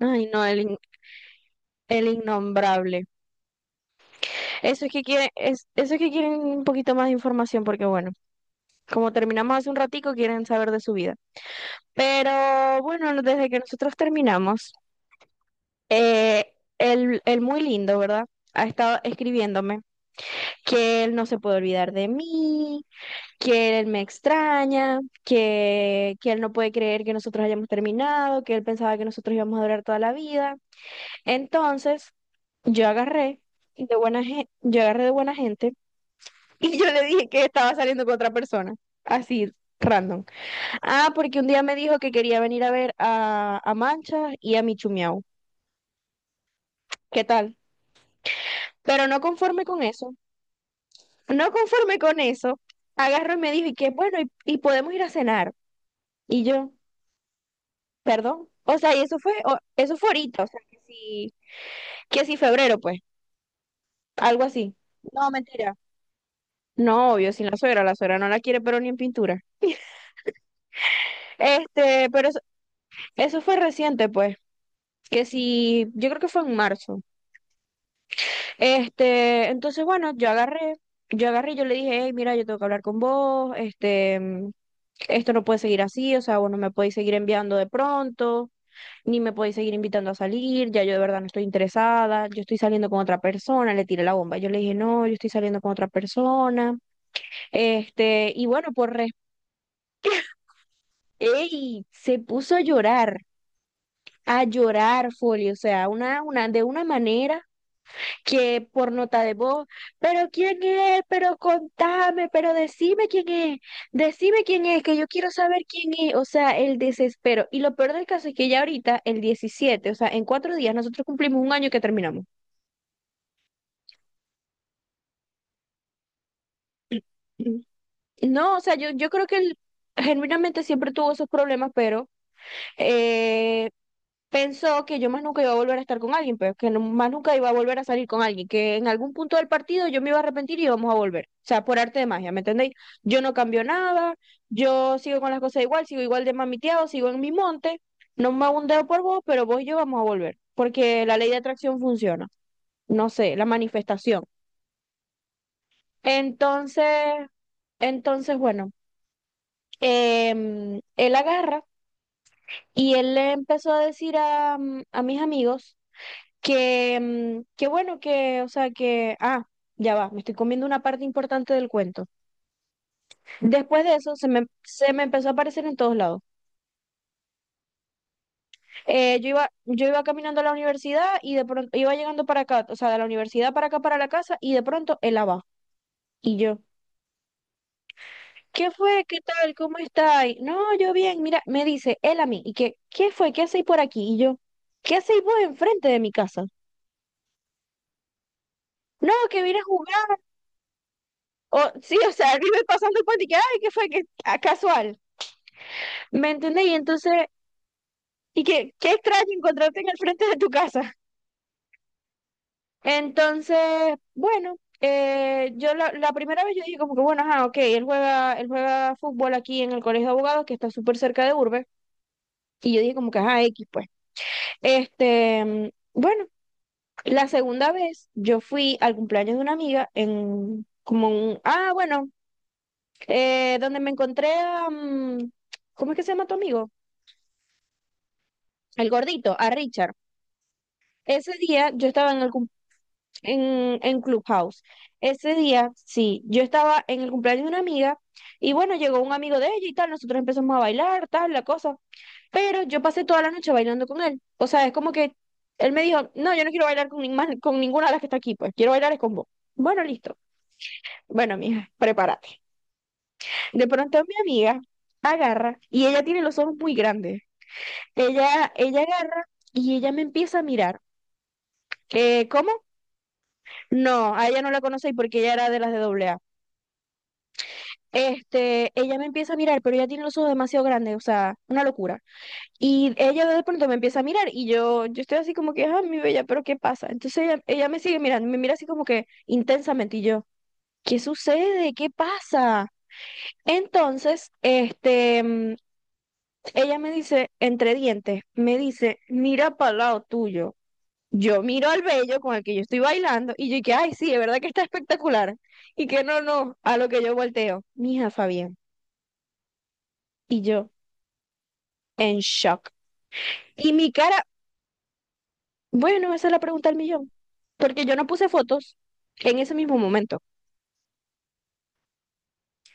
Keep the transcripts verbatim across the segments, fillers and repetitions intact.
Ay, no, el, in- el innombrable. Eso es que quieren, es, eso es que quieren un poquito más de información, porque bueno, como terminamos hace un ratico, quieren saber de su vida. Pero bueno, no- desde que nosotros terminamos, eh, el, el muy lindo, ¿verdad? Ha estado escribiéndome que él no se puede olvidar de mí, que él me extraña, que, que él no puede creer que nosotros hayamos terminado, que él pensaba que nosotros íbamos a durar toda la vida. Entonces, Yo agarré de buena gente, yo agarré de buena gente y yo le dije que estaba saliendo con otra persona, así random. Ah, porque un día me dijo que quería venir a ver a, a Mancha y a Michumiau. ¿Qué tal? Pero no conforme con eso, no conforme con eso, agarró y me dijo y que bueno, y, y podemos ir a cenar. Y yo, perdón. O sea, y eso fue, o- eso fue ahorita, o sea, que si, que si febrero, pues, algo así. No, mentira. No, obvio, sin la suegra, la suegra no la quiere, pero ni en pintura. Este, pero Eso fue reciente, pues, que sí, yo creo que fue en marzo. Este, entonces, bueno, yo agarré, yo agarré y yo le dije, hey, mira, yo tengo que hablar con vos, este, mm, esto no puede seguir así, o sea, vos no me podéis seguir enviando de pronto, ni me podéis seguir invitando a salir, ya yo de verdad no estoy interesada, yo estoy saliendo con otra persona, le tiré la bomba. Yo le dije, no, yo estoy saliendo con otra persona, este, y bueno, por respeto, ey, se puso a llorar, a llorar, Folio, o sea, una, una, de una manera. Que por nota de voz, pero quién es, pero contame, pero decime quién es, decime quién es, que yo quiero saber quién es, o sea, el desespero. Y lo peor del caso es que ya ahorita, el diecisiete, o sea, en cuatro días nosotros cumplimos un año que terminamos. No, o sea, yo, yo creo que él genuinamente siempre tuvo esos problemas, pero eh, pensó que yo más nunca iba a volver a estar con alguien, pero que no- más nunca iba a volver a salir con alguien, que en algún punto del partido yo me iba a arrepentir y íbamos a volver. O sea, por arte de magia, ¿me entendéis? Yo no cambio nada, yo sigo con las cosas igual, sigo igual de mamiteado, sigo en mi monte, no me hago un dedo por vos, pero vos y yo vamos a volver, porque la ley de atracción funciona, no sé, la manifestación. Entonces, entonces, bueno, em, él agarra y él le empezó a decir a, a mis amigos. Que, mm, que bueno, que, o sea, que, ah, ya va, me estoy comiendo una parte importante del cuento. Después de eso, se me, se me empezó a aparecer en todos lados. Eh, yo iba, yo iba caminando a la universidad y de pronto iba llegando para acá, o sea, de la universidad para acá, para la casa, y de pronto él abajo. Y yo, ¿qué fue? ¿Qué tal? ¿Cómo está? Y, no, yo bien, mira, me dice él a mí, y que, ¿qué fue? ¿Qué hacéis por aquí? Y yo, ¿qué hacéis vos enfrente de mi casa? No, que vine a jugar. O, sí, o sea, él iba pasando el puente y que, ay, ¿qué fue? Que, ah, casual. ¿Me entendés? Y entonces, y qué, qué extraño encontrarte en el frente de tu casa. Entonces, bueno, eh, yo la, la primera vez yo dije como que, bueno, ajá, ok, él juega, él juega fútbol aquí en el Colegio de Abogados, que está súper cerca de Urbe, y yo dije como que, ajá, X, pues. Este, mm, bueno, la segunda vez yo fui al cumpleaños de una amiga en, como un, ah, bueno, eh, donde me encontré a, mm, ¿cómo es que se llama tu amigo? El gordito, a Richard. Ese día yo estaba en el cumpleaños en, en Clubhouse. Ese día, sí, yo estaba en el cumpleaños de una amiga y bueno, llegó un amigo de ella y tal, nosotros empezamos a bailar, tal, la cosa, pero yo pasé toda la noche bailando con él. O sea, es como que él me dijo, no, yo no quiero bailar con, ni más- con ninguna de las que está aquí, pues quiero bailar es con vos. Bueno, listo. Bueno, mija, prepárate. De pronto mi amiga agarra y ella tiene los ojos muy grandes. Ella, ella agarra y ella me empieza a mirar. Eh, ¿cómo? No, a ella no la conocí porque ella era de las de doble A. Este, ella me empieza a mirar, pero ella tiene los ojos demasiado grandes, o sea, una locura. Y ella de pronto me empieza a mirar y yo, yo estoy así como que, ah, mi bella, pero ¿qué pasa? Entonces ella, ella me sigue mirando, me mira así como que intensamente y yo, ¿qué sucede? ¿Qué pasa? Entonces, este, mm, ella me dice, entre dientes, me dice, mira para el lado tuyo. Yo miro al bello con el que yo estoy bailando y yo y que, ay, sí, es verdad que está espectacular. Y que no, no, a lo que yo volteo, mija Fabián. Y yo, en shock. Y mi cara, bueno, esa es la pregunta del millón, porque yo no puse fotos en ese mismo momento.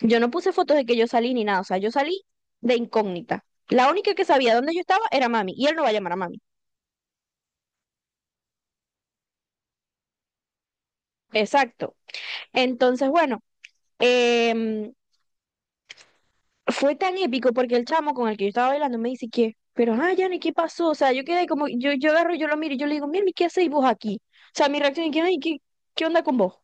Yo no puse fotos de que yo salí ni nada, o sea, yo salí de incógnita. La única que sabía dónde yo estaba era mami, y él no va a llamar a mami. Exacto. Entonces, bueno, em, fue tan épico porque el chamo con el que yo estaba bailando me dice que, pero, ah, Yanni, ¿qué pasó? O sea, yo quedé como, yo, yo agarro, yo lo miro y yo le digo, mira, ¿qué hacéis vos aquí? O sea, mi reacción es que, ay, ¿qué, qué onda con vos?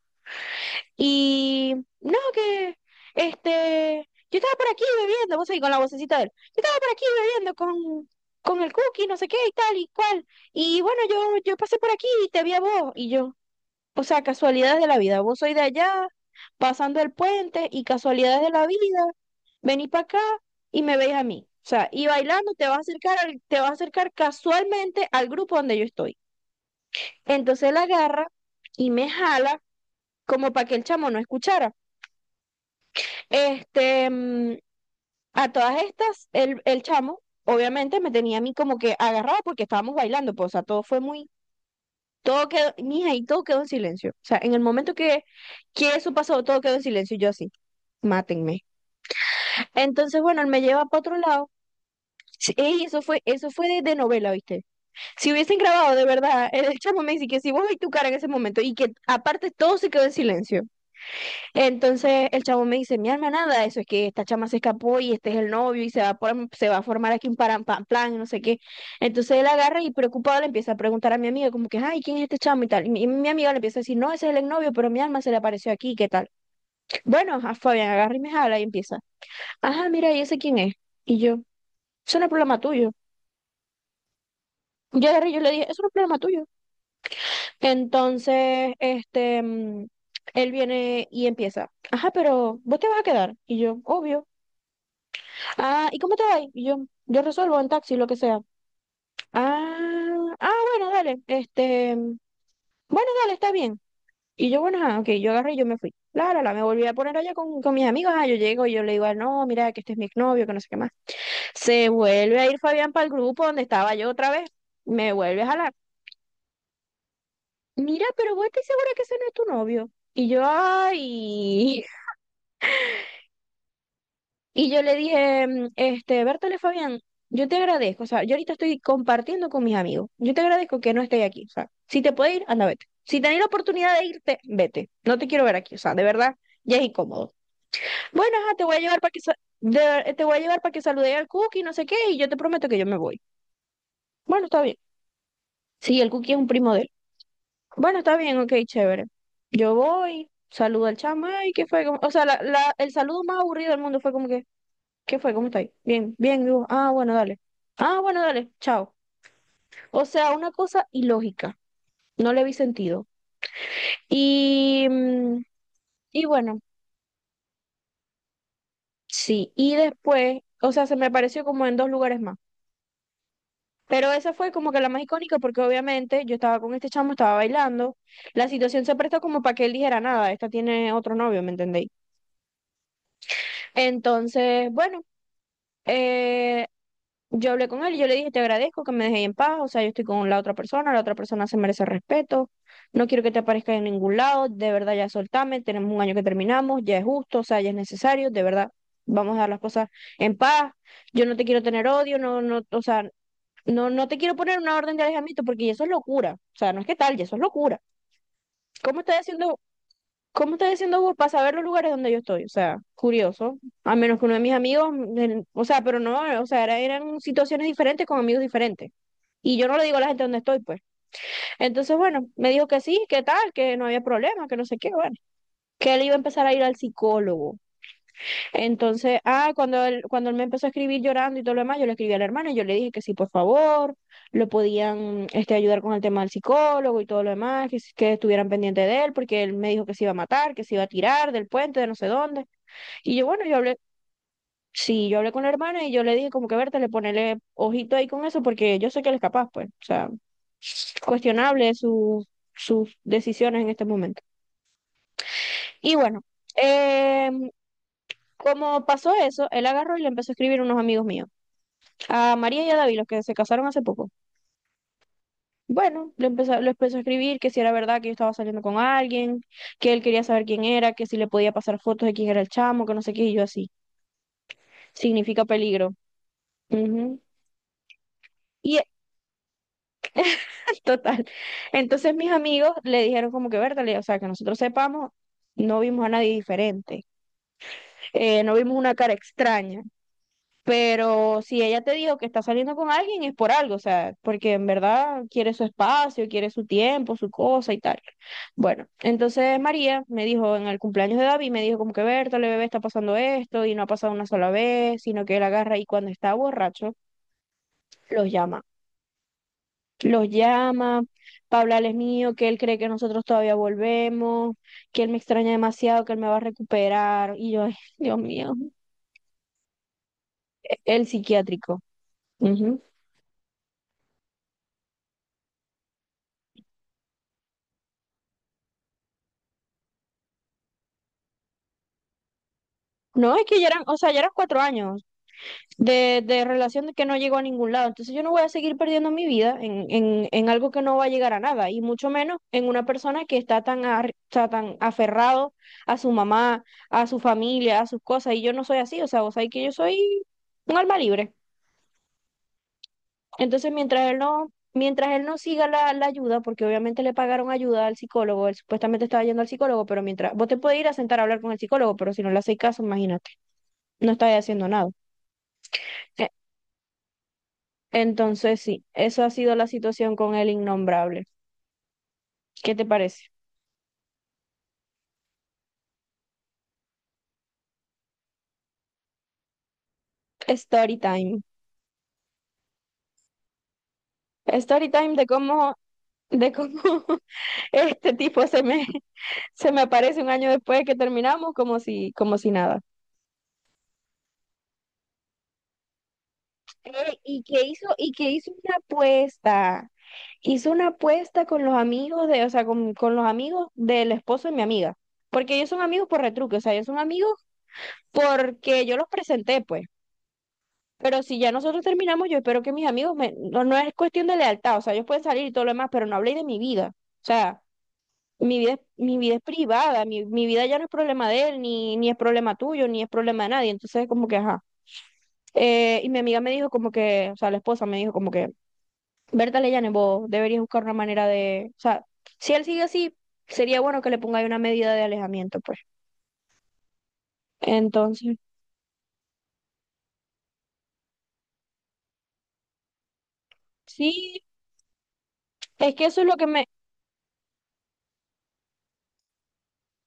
Y no, que este, yo estaba por aquí bebiendo, vos ahí con la vocecita de él, yo estaba por aquí bebiendo con, con el cookie, no sé qué y tal y cual. Y bueno, yo, yo pasé por aquí y te vi a vos y yo, o sea, casualidades de la vida, vos sois de allá, pasando el puente y casualidades de la vida, vení para acá y me veis a mí. O sea, y bailando te vas a acercar, al- te vas a acercar casualmente al grupo donde yo estoy. Entonces él agarra y me jala como para que el chamo no escuchara. Este, mm, a todas estas, el, el chamo, obviamente, me tenía a mí como que agarrado porque estábamos bailando, pues, o sea, todo fue muy, todo quedó, mija, y todo quedó en silencio. O sea, en el momento que, que eso pasó, todo quedó en silencio, y yo así, mátenme. Entonces, bueno, él me lleva para otro lado. Sí, ey, eso fue, eso fue de, de, novela, ¿viste? Si hubiesen grabado de verdad, el chamo me dice que si vos veis tu cara en ese momento y que aparte todo se quedó en silencio. Entonces el chavo me dice, mi alma, nada, eso es que esta chama se escapó y este es el novio y se va a, por- se va a formar aquí un param- pam, plan y no sé qué. Entonces él agarra y preocupado le empieza a preguntar a mi amiga como que, ay, ¿quién es este chamo y tal? Y mi, y mi amiga le empieza a decir, no, ese es el exnovio, pero mi alma se le apareció aquí, ¿qué tal? Bueno, a Fabián agarra y me jala y empieza, ajá, mira, ¿y ese quién es? Y yo, eso no es problema tuyo. Yo agarré y yo le dije, eso no es problema tuyo. Entonces, este, mm, él viene y empieza, ajá, pero vos te vas a quedar. Y yo, obvio. Ah, ¿y cómo te va? Y Yo, yo resuelvo en taxi, lo que sea. Ah, ah, bueno, dale. Este, mm, bueno, dale, está bien. Y yo, bueno, ah, ok, yo agarré y yo me fui. La, la, la, me volví a poner allá con, con mis amigos. Ah, yo llego y yo le digo, ah, no, mira, que este es mi exnovio, que no sé qué más. Se vuelve a ir Fabián para el grupo donde estaba yo otra vez. Me vuelve a jalar. Mira, pero vos estás segura que ese no es tu novio. Y yo, ay. Y yo le dije, mm, este, Bertale Fabián, yo te agradezco, o sea, yo ahorita estoy compartiendo con mis amigos, yo te agradezco que no estés aquí, o sea, si te puedes ir, anda, vete. Si tenés la oportunidad de irte, vete, no te quiero ver aquí, o sea, de verdad, ya es incómodo. Bueno, ajá, te voy a llevar para que, sa- de- te voy a llevar para que salude al Cookie, no sé qué, y yo te prometo que yo me voy. Bueno, está bien. Sí, el Cookie es un primo de él. Bueno, está bien, ok, chévere. Yo voy, saludo al chama, y qué fue, Como- o sea, la, la- el saludo más aburrido del mundo fue como que... ¿Qué fue? ¿Cómo estáis? Bien, bien, digo, ah, bueno, dale. Ah, bueno, dale, chao. O sea, una cosa ilógica, no le vi sentido. Y, mm, y bueno, sí, y después, o sea, se me apareció como en dos lugares más. Pero esa fue como que la más icónica porque obviamente yo estaba con este chamo, estaba bailando. La situación se prestó como para que él dijera nada, esta tiene otro novio, ¿me entendéis? Entonces, bueno, eh, yo hablé con él y yo le dije, te agradezco que me dejéis en paz, o sea, yo estoy con la otra persona, la otra persona se merece respeto, no quiero que te aparezca en ningún lado, de verdad ya soltame, tenemos un año que terminamos, ya es justo, o sea, ya es necesario, de verdad, vamos a dar las cosas en paz, yo no te quiero tener odio, no, no, o sea, no, no te quiero poner una orden de alejamiento porque eso es locura, o sea, no es que tal, ya eso es locura. ¿Cómo estás haciendo ¿Cómo estás diciendo vos para saber los lugares donde yo estoy? O sea, curioso. A menos que uno de mis amigos, el- o sea, pero no, o sea, era- eran situaciones diferentes con amigos diferentes. Y yo no le digo a la gente dónde estoy, pues. Entonces, bueno, me dijo que sí, que tal, que no había problema, que no sé qué, bueno. Que él iba a empezar a ir al psicólogo. Entonces, ah, cuando él, cuando él me empezó a escribir llorando y todo lo demás, yo le escribí al hermano y yo le dije que sí, por favor, lo podían este, ayudar con el tema del psicólogo y todo lo demás, que, si- que estuvieran pendientes de él, porque él me dijo que se iba a matar, que se iba a tirar del puente, de no sé dónde. Y yo, bueno, yo hablé, sí, yo hablé con la hermana y yo le dije como que verte, le ponele ojito ahí con eso, porque yo sé que él es capaz, pues, o sea, cuestionable su- sus decisiones en este momento. Y bueno, eh, como pasó eso, él agarró y le empezó a escribir a unos amigos míos. A María y a David, los que se casaron hace poco. Bueno, le empezó, lo empezó a escribir que si era verdad que yo estaba saliendo con alguien, que él quería saber quién era, que si le podía pasar fotos de quién era el chamo, que no sé qué, y yo así. Significa peligro. Ujú. Y es total. Entonces mis amigos le dijeron como que, Bertale, o sea, que nosotros sepamos, no vimos a nadie diferente, eh, no vimos una cara extraña. Pero si ella te dijo que está saliendo con alguien es por algo, o sea, porque en verdad quiere su espacio, quiere su tiempo, su cosa y tal. Bueno, entonces María me dijo en el cumpleaños de David, me dijo como que Bertale, bebé, está pasando esto y no ha pasado una sola vez, sino que él agarra y cuando está borracho los llama. Los llama para hablarles mío, que él cree que nosotros todavía volvemos, que él me extraña demasiado, que él me va a recuperar. Y yo, ay, Dios mío, el psiquiátrico. Ujú. No, es que ya eran, o sea, ya eran cuatro años, de, de relación de que no llegó a ningún lado. Entonces yo no voy a seguir perdiendo mi vida en, en, en algo que no va a llegar a nada, y mucho menos en una persona que está tan, ar- está tan aferrado a su mamá, a su familia, a sus cosas, y yo no soy así, o sea, vos sabés que yo soy un alma libre. Entonces mientras él no... Mientras él no siga la, la ayuda, porque obviamente le pagaron ayuda al psicólogo, él supuestamente estaba yendo al psicólogo, pero mientras vos te puedes ir a sentar a hablar con el psicólogo, pero si no le hacéis caso, imagínate, no estáis haciendo nada. Entonces, sí, eso ha sido la situación con el innombrable. ¿Qué te parece? Story time. Story time de cómo, de cómo este tipo se me, se me aparece un año después de que terminamos, como si, como si nada. Eh, y que hizo, y que hizo una apuesta. Hizo una apuesta con los amigos de, o sea, con, con los amigos del esposo de mi amiga. Porque ellos son amigos por retruque, o sea, ellos son amigos porque yo los presenté, pues. Pero si ya nosotros terminamos, yo espero que mis amigos me... No, no es cuestión de lealtad, o sea, ellos pueden salir y todo lo demás, pero no habléis de mi vida. O sea, mi vida es, mi vida es privada, mi, mi vida ya no es problema de él, ni, ni es problema tuyo, ni es problema de nadie. Entonces, como que, ajá. Eh, y mi amiga me dijo como que, o sea, la esposa me dijo como que, Berta Leyane, vos deberías buscar una manera de... O sea, si él sigue así, sería bueno que le pongáis una medida de alejamiento, pues. Entonces, sí, es que eso es lo que me...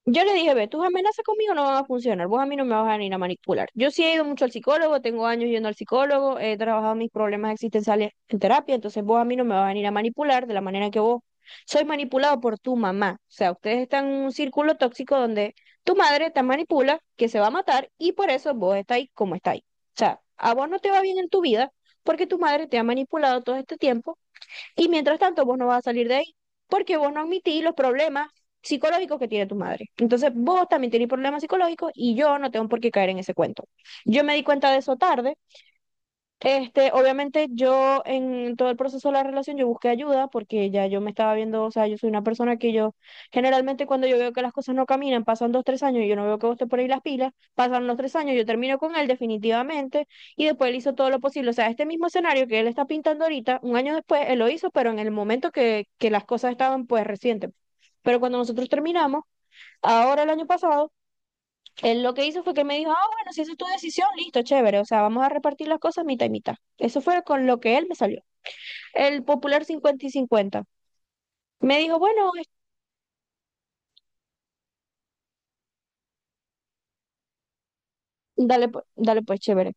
Yo le dije, ve, tus amenazas conmigo no van a funcionar, vos a mí no me vas a venir a manipular. Yo sí he ido mucho al psicólogo, tengo años yendo al psicólogo, he trabajado mis problemas existenciales en terapia, entonces vos a mí no me vas a venir a manipular de la manera que vos sois manipulado por tu mamá. O sea, ustedes están en un círculo tóxico donde tu madre te manipula, que se va a matar y por eso vos estáis como estáis. O sea, a vos no te va bien en tu vida porque tu madre te ha manipulado todo este tiempo y mientras tanto, vos no vas a salir de ahí porque vos no admitís los problemas psicológicos que tiene tu madre. Entonces, vos también tenés problemas psicológicos y yo no tengo por qué caer en ese cuento. Yo me di cuenta de eso tarde este, obviamente yo en todo el proceso de la relación yo busqué ayuda porque ya yo me estaba viendo, o sea, yo soy una persona que yo generalmente cuando yo veo que las cosas no caminan, pasan dos, tres años y yo no veo que vos te ponéis las pilas, pasan los tres años, yo termino con él definitivamente y después él hizo todo lo posible. O sea, este mismo escenario que él está pintando ahorita, un año después él lo hizo, pero en el momento que, que las cosas estaban pues recientes. Pero cuando nosotros terminamos, ahora el año pasado... Él lo que hizo fue que me dijo, ah, bueno, si esa es tu decisión, listo, chévere, o sea, vamos a repartir las cosas mitad y mitad. Eso fue con lo que él me salió. El popular cincuenta y cincuenta. Me dijo, bueno, es- dale, pu- dale pues, chévere.